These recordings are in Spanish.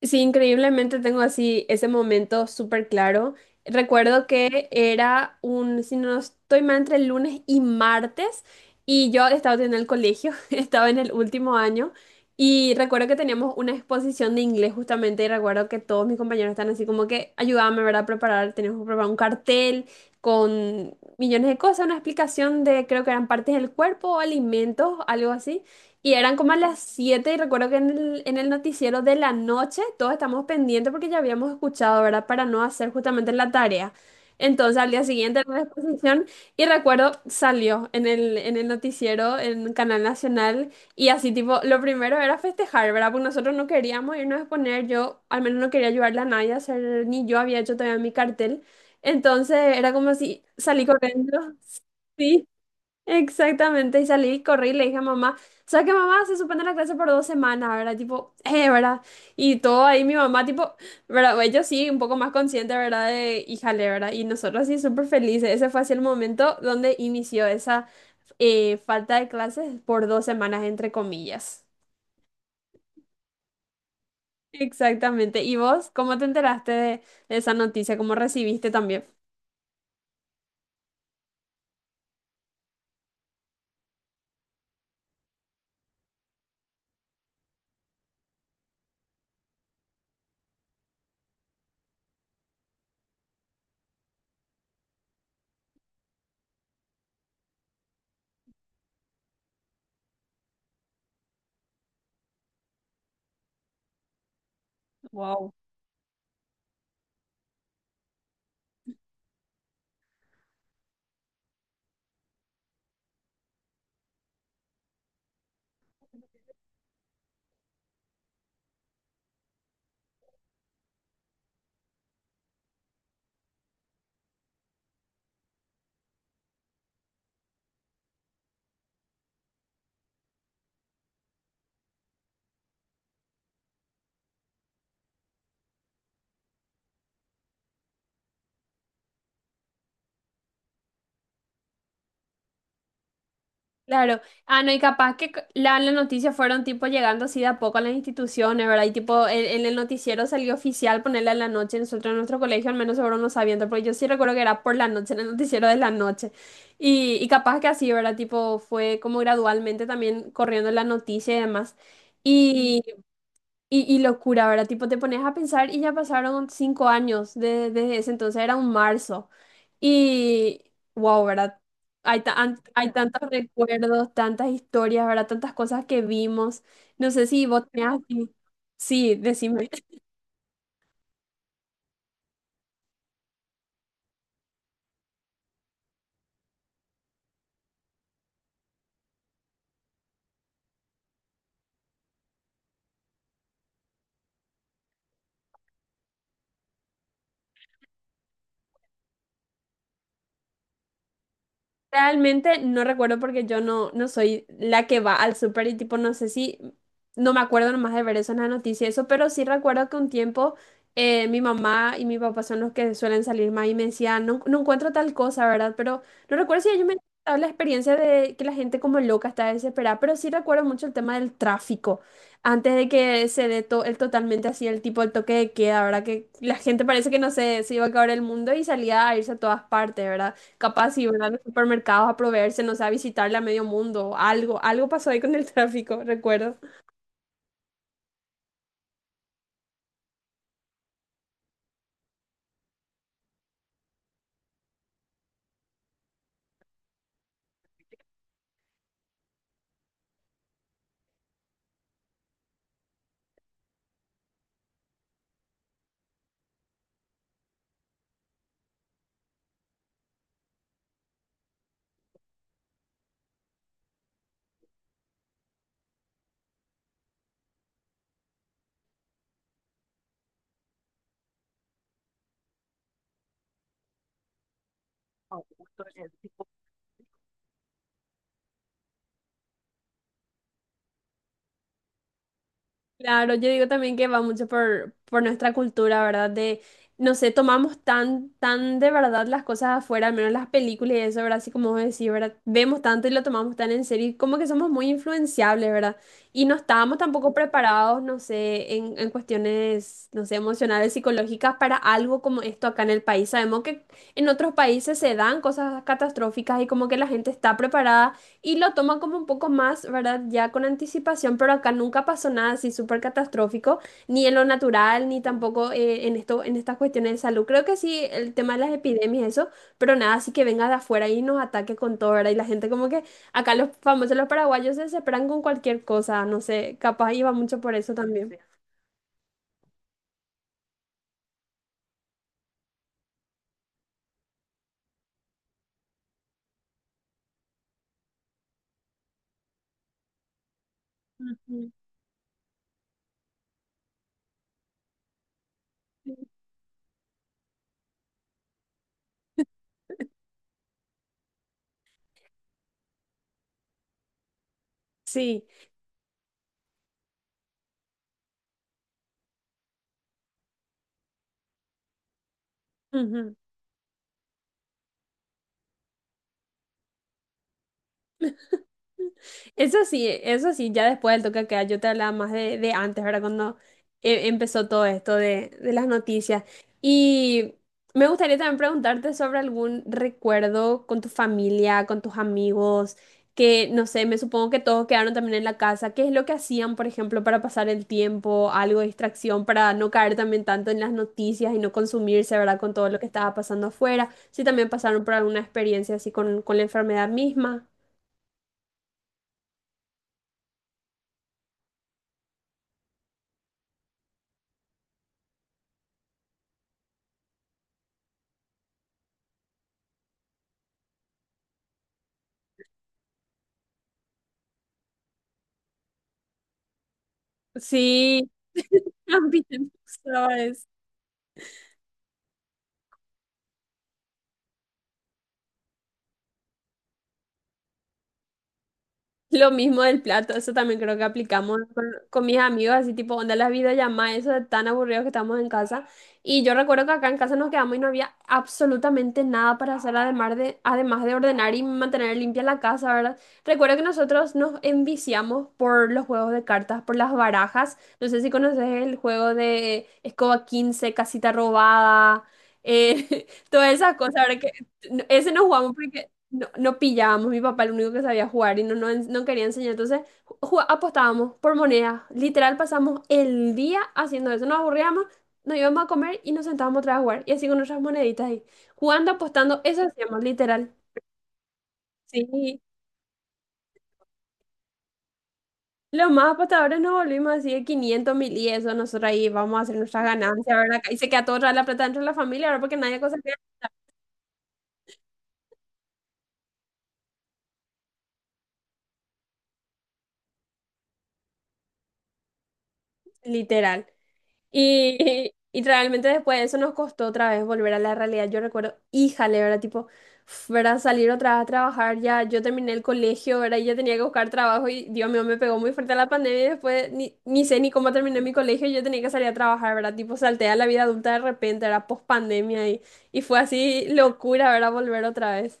Sí, increíblemente tengo así ese momento súper claro. Recuerdo que era si no estoy mal, entre lunes y martes y yo estaba en el colegio, estaba en el último año y recuerdo que teníamos una exposición de inglés justamente y recuerdo que todos mis compañeros están así como que ayudábame, ¿verdad? A preparar, teníamos que preparar un cartel con millones de cosas, una explicación de creo que eran partes del cuerpo, alimentos, algo así. Y eran como a las 7 y recuerdo que en el noticiero de la noche todos estamos pendientes porque ya habíamos escuchado, ¿verdad? Para no hacer justamente la tarea. Entonces al día siguiente era la exposición y recuerdo salió en el noticiero, en Canal Nacional y así tipo, lo primero era festejar, ¿verdad? Porque nosotros no queríamos irnos a exponer, yo al menos no quería ayudarle a nadie a hacer, ni yo había hecho todavía mi cartel. Entonces era como si salí corriendo, sí. Exactamente, y salí, corrí y le dije a mamá, sabes sea que mamá se suspende la clase por 2 semanas, ¿verdad? Tipo, ¿verdad? Y todo ahí mi mamá, tipo, ¿verdad? Ellos sí, un poco más consciente, ¿verdad? De, híjale, ¿verdad? Y nosotros sí súper felices. Ese fue así el momento donde inició esa falta de clases por 2 semanas, entre comillas. Exactamente. ¿Y vos cómo te enteraste de esa noticia? ¿Cómo recibiste también? Wow. Claro, ah, no, y capaz que la noticia fueron tipo llegando así de a poco a las instituciones, ¿verdad? Y tipo, en el noticiero salió oficial ponerla en la noche, nosotros en nuestro colegio al menos seguro no sabiendo, porque yo sí recuerdo que era por la noche, en el noticiero de la noche. Y capaz que así, ¿verdad? Tipo, fue como gradualmente también corriendo la noticia y demás. Mm. Y locura, ¿verdad? Tipo, te pones a pensar y ya pasaron 5 años desde ese entonces, era un marzo. Y, wow, ¿verdad? Hay tantos recuerdos, tantas historias, ¿verdad? Tantas cosas que vimos. No sé si vos tenías así. Sí, decime. Realmente no recuerdo porque yo no soy la que va al súper y tipo, no sé si, no me acuerdo nomás de ver eso en la noticia, y eso, pero sí recuerdo que un tiempo mi mamá y mi papá son los que suelen salir más y me decían, no, no encuentro tal cosa, ¿verdad? Pero no recuerdo si ellos me contaron la experiencia de que la gente como loca está desesperada, pero sí recuerdo mucho el tema del tráfico, antes de que se dé el totalmente así el tipo, el toque de queda, ¿verdad? Que la gente parece que no sé, se iba a acabar el mundo y salía a irse a todas partes, ¿verdad? Capaz si van a los supermercados a proveerse, no sé, a visitarle a medio mundo. Algo, algo pasó ahí con el tráfico, recuerdo. Claro, yo digo también que va mucho por nuestra cultura, ¿verdad? De, no sé, tomamos tan, tan de verdad las cosas afuera, al menos las películas y eso, ¿verdad? Así como vos decís, ¿verdad? Vemos tanto y lo tomamos tan en serio y como que somos muy influenciables, ¿verdad? Y no estábamos tampoco preparados, no sé, en cuestiones, no sé, emocionales, psicológicas para algo como esto acá en el país. Sabemos que en otros países se dan cosas catastróficas y como que la gente está preparada y lo toma como un poco más, ¿verdad? Ya con anticipación, pero acá nunca pasó nada así súper catastrófico, ni en lo natural, ni tampoco en esto, en estas cuestiones de salud. Creo que sí, el tema de las epidemias, eso, pero nada, así que venga de afuera y nos ataque con todo, ¿verdad? Y la gente como que acá los famosos, los paraguayos se desesperan con cualquier cosa, no sé, capaz iba mucho por eso también. Ujú. Sí. Ujú. Eso sí, ya después del toque de queda, yo te hablaba más de antes, ¿verdad? Cuando empezó todo esto de las noticias. Y me gustaría también preguntarte sobre algún recuerdo con tu familia, con tus amigos, que no sé, me supongo que todos quedaron también en la casa. ¿Qué es lo que hacían, por ejemplo, para pasar el tiempo, algo de distracción, para no caer también tanto en las noticias y no consumirse, ¿verdad? Con todo lo que estaba pasando afuera. Si también pasaron por alguna experiencia así con la enfermedad misma. Sí. A mí me pasaba eso. Lo mismo del plato, eso también creo que aplicamos con mis amigos, así tipo, onda las videollamadas, eso de tan aburridos que estamos en casa. Y yo recuerdo que acá en casa nos quedamos y no había absolutamente nada para hacer, además de ordenar y mantener limpia la casa, ¿verdad? Recuerdo que nosotros nos enviciamos por los juegos de cartas, por las barajas. No sé si conoces el juego de Escoba 15 Casita Robada, todas esas cosas, ¿verdad? Que, ese no jugamos porque... No, no pillábamos, mi papá el único que sabía jugar y no, no, no quería enseñar. Entonces apostábamos por monedas. Literal pasamos el día haciendo eso. Nos aburríamos, nos íbamos a comer y nos sentábamos otra vez a jugar. Y así con nuestras moneditas ahí. Jugando, apostando, eso hacíamos, literal. Sí, los más apostadores nos volvimos así de 500.000 y eso. Nosotros ahí vamos a hacer nuestras ganancias, ¿verdad? Y se queda toda la plata dentro de la familia, ahora. Porque nadie cosa que... Literal. Y realmente después de eso nos costó otra vez volver a la realidad. Yo recuerdo, híjale, ¿verdad? Tipo, ¿verdad? Salir otra vez a trabajar. Ya yo terminé el colegio, ¿verdad? Y ya tenía que buscar trabajo y Dios mío, me pegó muy fuerte la pandemia y después ni sé ni cómo terminé mi colegio y yo tenía que salir a trabajar, ¿verdad? Tipo, salté a la vida adulta de repente, era post pandemia y fue así locura, ¿verdad? Volver otra vez.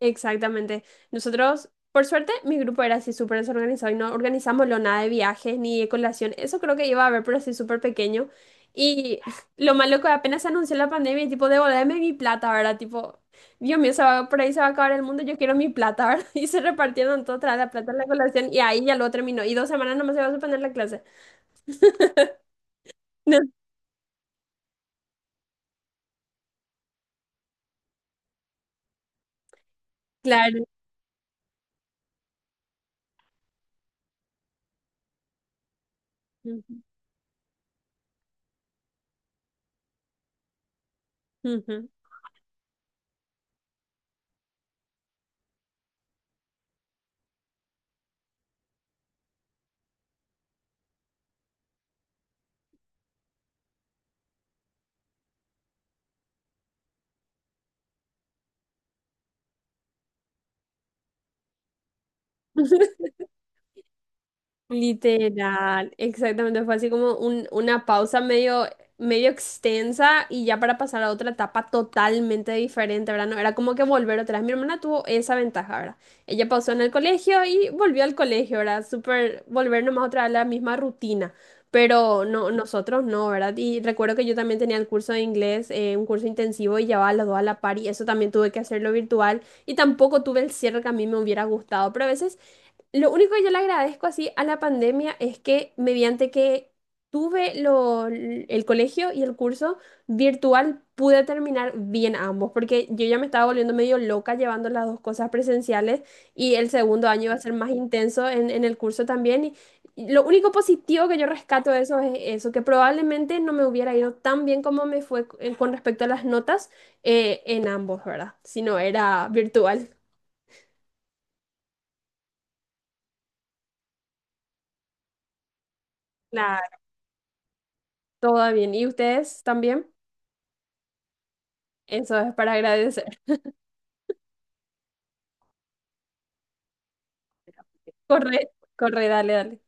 Exactamente. Nosotros, por suerte, mi grupo era así súper desorganizado y no organizamos lo nada de viajes ni de colación. Eso creo que iba a haber, pero así súper pequeño. Y lo malo que apenas se anunció la pandemia, y tipo, devolverme mi plata, ¿verdad? Tipo, Dios mío, por ahí se va a acabar el mundo, yo quiero mi plata, ¿verdad? Y se repartieron todo, tras la plata en la colación y ahí ya lo terminó. Y 2 semanas nomás se va a suspender la clase. No, claro. Ujú, ujú. Literal, exactamente, fue así como una pausa medio, medio extensa y ya para pasar a otra etapa totalmente diferente, ¿verdad? No, era como que volver atrás. Mi hermana tuvo esa ventaja, ¿verdad? Ella pausó en el colegio y volvió al colegio, ¿verdad? Súper, volver nomás otra vez a la misma rutina, pero no, nosotros no, ¿verdad? Y recuerdo que yo también tenía el curso de inglés, un curso intensivo y llevaba los dos a la par y eso también tuve que hacerlo virtual y tampoco tuve el cierre que a mí me hubiera gustado, pero a veces lo único que yo le agradezco así a la pandemia es que mediante que tuve el colegio y el curso virtual pude terminar bien ambos, porque yo ya me estaba volviendo medio loca llevando las dos cosas presenciales y el segundo año iba a ser más intenso en el curso también. Y lo único positivo que yo rescato de eso es eso, que probablemente no me hubiera ido tan bien como me fue con respecto a las notas en ambos, ¿verdad? Si no era virtual. Nada, todo bien. ¿Y ustedes también? Eso es para agradecer. Corre, corre, dale, dale.